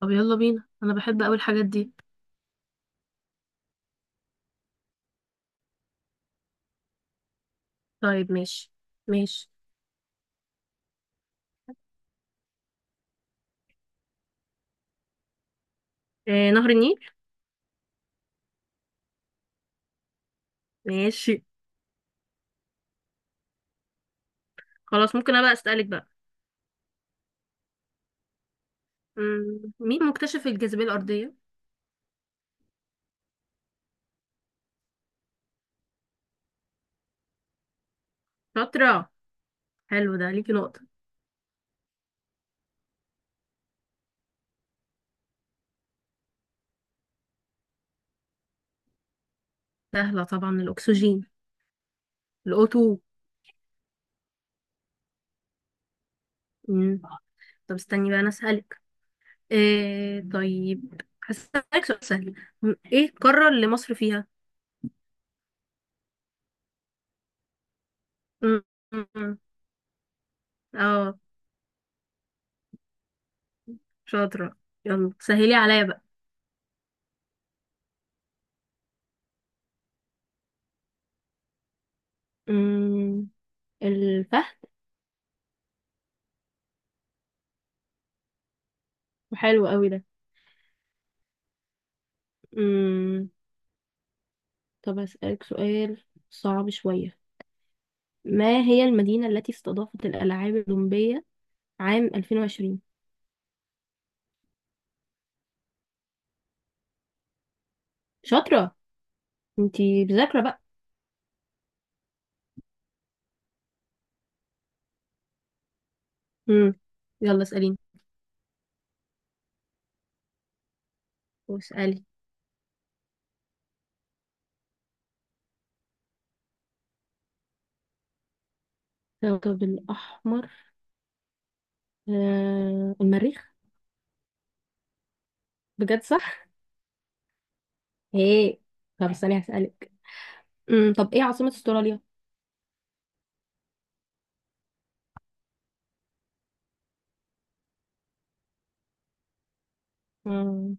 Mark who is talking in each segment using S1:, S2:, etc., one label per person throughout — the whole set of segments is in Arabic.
S1: طب يلا بينا، انا بحب اوي الحاجات دي. طيب ماشي، ماشي. آه، نهر النيل. ماشي. خلاص، ممكن انا بقى اسالك بقى. مين مكتشف الجاذبيه الارضيه؟ شاطره. حلو، ده ليكي نقطه. سهله طبعا، الاكسجين. الاوتو. مم. طب استني بقى انا اسالك. آه طيب هسالك سؤال سهل. ايه القاره اللي مصر فيها؟ مم، مم، مم. اه شاطره. يلا سهلي عليا بقى. مم، الفهد. حلو قوي ده. طب أسألك سؤال صعب شوية. ما هي المدينة التي استضافت الألعاب الأولمبية عام 2020؟ شاطرة، انتي مذاكرة بقى. مم. يلا اسأليني واسألي. الكوكب الأحمر. آه، المريخ. بجد صح؟ ايه. طب استني هسألك. مم. طب ايه عاصمة استراليا؟ مم.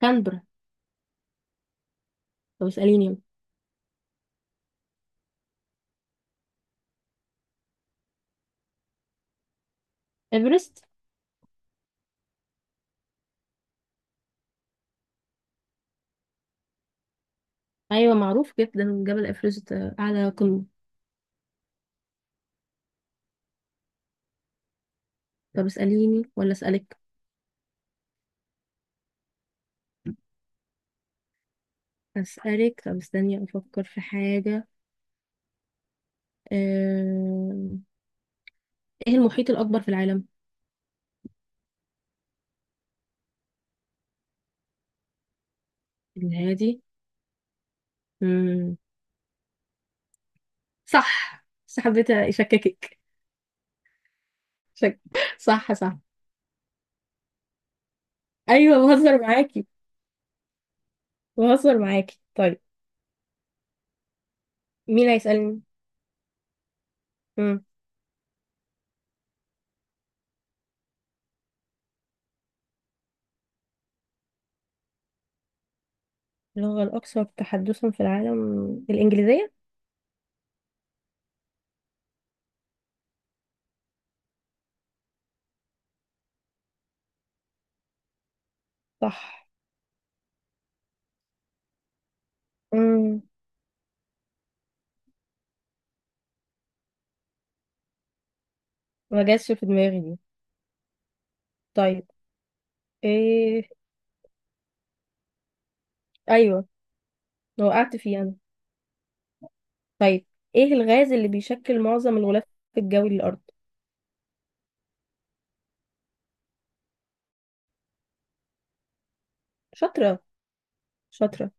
S1: كانبرا. طب اسأليني يلا. ايفرست. ايوه معروف جدا جبل ايفرست، اعلى قمة. طب اسأليني ولا اسألك؟ أسألك. طب استني أفكر في حاجة. آم، ايه المحيط الأكبر في العالم؟ الهادي. مم. صح بس حبيت أشككك. شك... صح، صح. أيوة بهزر معاكي، بهزر معاكي. طيب، مين هيسألني؟ مم. اللغة الأكثر تحدثا في العالم، الإنجليزية؟ صح. مم. ما جاتش في دماغي دي. طيب. ايه. أيوة، وقعت فيه أنا. طيب، ايه الغاز اللي بيشكل معظم الغلاف الجوي للأرض؟ شاطرة، شاطرة.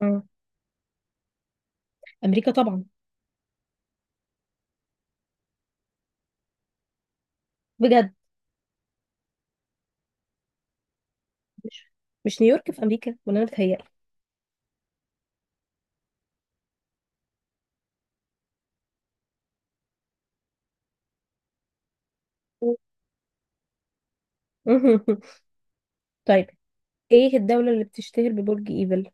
S1: مم. أمريكا طبعا. بجد. مش مش نيويورك في امريكا، ولا انا بتهيألي؟ طيب، ايه الدولة اللي بتشتهر ببرج ايفل؟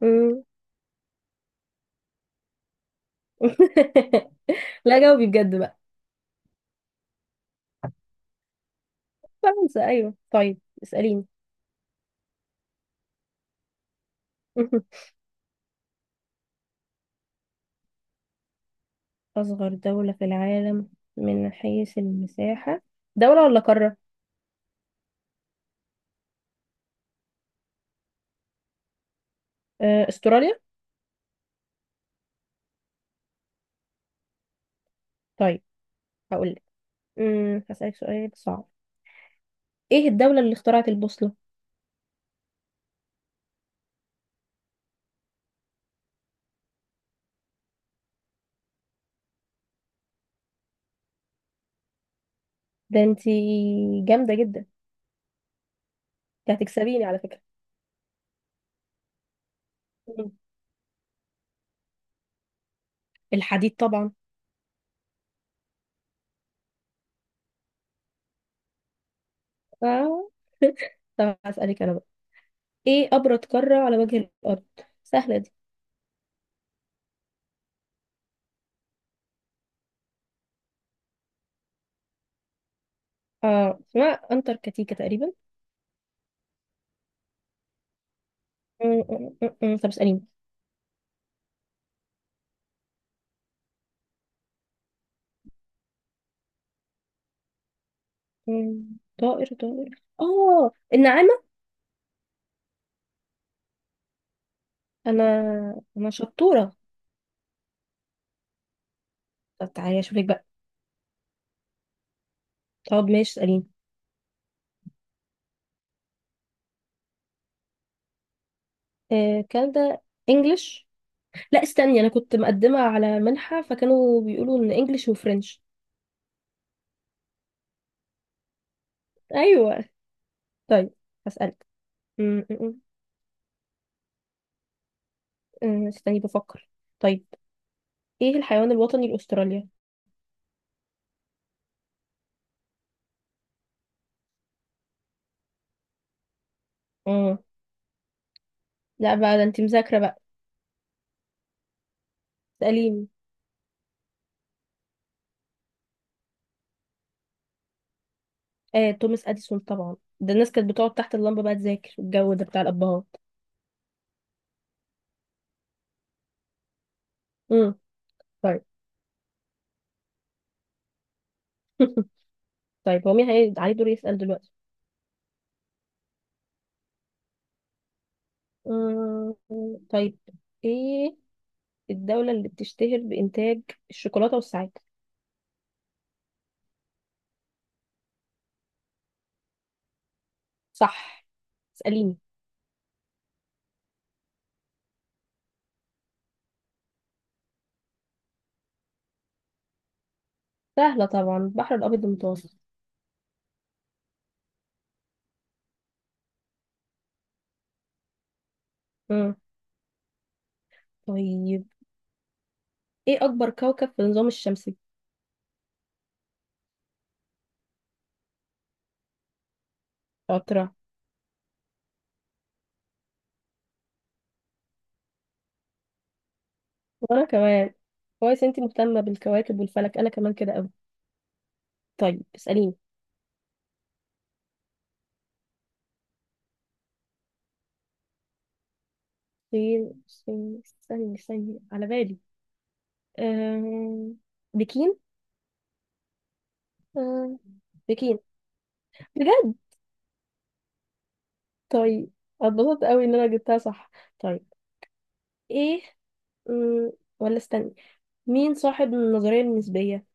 S1: مم. لا، جاوبي بجد بقى. فرنسا، ايوه، طيب اسأليني. اصغر دولة في العالم من حيث المساحة، دولة ولا قارة؟ آه، استراليا. طيب هقولك. هسألك سؤال صعب. ايه الدولة اللي اخترعت البوصلة؟ ده انتي جامدة جدا. انتي هتكسبيني على فكرة. مم. الحديد طبعا. آه. طب هسألك انا بقى. ايه ابرد قارة على وجه الارض؟ سهلة دي. اه، اسمها انتاركتيكا تقريبا. م- م- م- م. طب اسأليني. م- طائر، النعامة. انا انا شطورة. طب تعالي اشوفك بقى. طب ماشي اسأليني. آه كان ده. انجلش. لا استني، انا كنت مقدمة على منحة فكانوا بيقولوا ان انجلش وفرنش. ايوه، طيب هسألك. م- م- م. استني بفكر. طيب، ايه الحيوان الوطني لاستراليا؟ اه لا بقى، ده انت مذاكرة بقى. اسأليني. آه، توماس اديسون طبعا. ده الناس كانت بتقعد تحت اللمبه بقى تذاكر، الجو ده بتاع الابهات. امم طيب. طيب، هو مين عليه دور يسأل دلوقتي؟ أمم، طيب، ايه الدولة اللي بتشتهر بإنتاج الشوكولاتة والساعات؟ صح. اسأليني. سهلة طبعا، البحر الأبيض المتوسط. امم طيب، ايه أكبر كوكب في النظام الشمسي؟ شاطرة. وأنا كمان. كويس انتي مهتمة بالكواكب والفلك، أنا كمان كده أوي. طيب اسأليني. سين سين استني، استني على بالي. آم، بكين. آم، بكين. بجد. طيب، اتبسطت قوي ان انا جبتها صح. طيب، ايه. مم، ولا استني. مين صاحب النظرية النسبية؟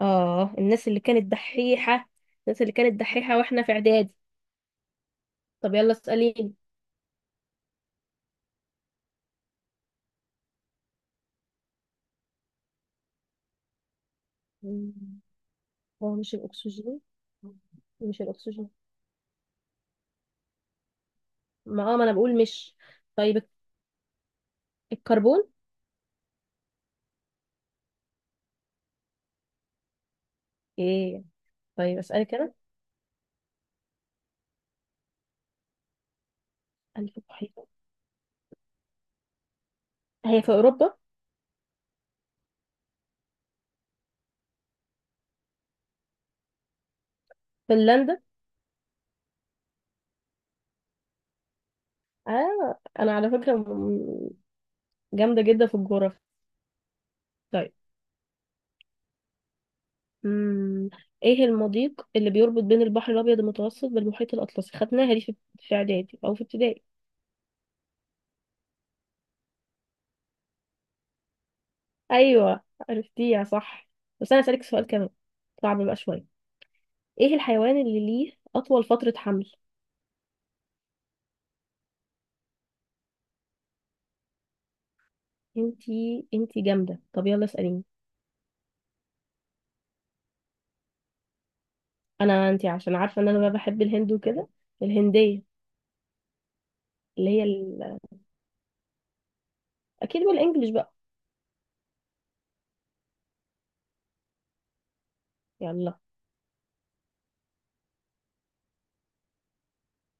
S1: اه، الناس اللي كانت دحيحة. الناس اللي كانت دحيحة واحنا في اعدادي. طب يلا اسأليني. مم، هو مش الاكسجين؟ مش الاكسجين. ما انا بقول مش. طيب، الكربون. ايه. طيب اسألك انا. ألف بحيرة. هي في اوروبا؟ فنلندا. آه، أنا على فكرة جامدة جدا في الجغرافيا. طيب. مم. إيه المضيق اللي بيربط بين البحر الأبيض المتوسط بالمحيط الأطلسي؟ خدناها دي في إعدادي أو في ابتدائي. أيوة، عرفتيها صح. بس أنا هسألك سؤال كمان، صعب بقى شوية. إيه الحيوان اللي ليه أطول فترة حمل؟ انتي جامدة. طب يلا اسأليني. انتي عشان عارفة إن أنا بقى بحب الهند وكده. الهندية. اللي هي أكيد بالإنجلش بقى. يلا.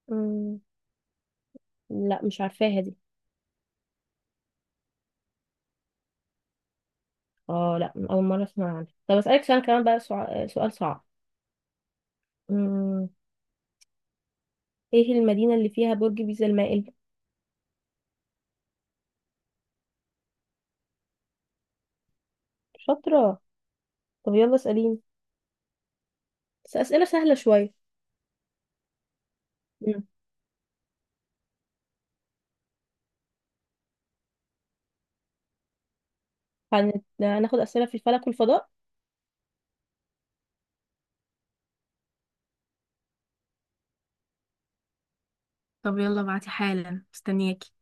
S1: مم. لا، مش عارفاها دي. اه لا، أول مرة أسمع عنها. طب أسألك سؤال كمان بقى، سؤال صعب. مم. إيه المدينة اللي فيها برج بيزا المائل؟ شاطرة. طب يلا اسأليني. بس أسئلة سهلة شوية. مم. هناخد أسئلة في الفلك والفضاء. طب يلا بعتي حالا، مستنياكي.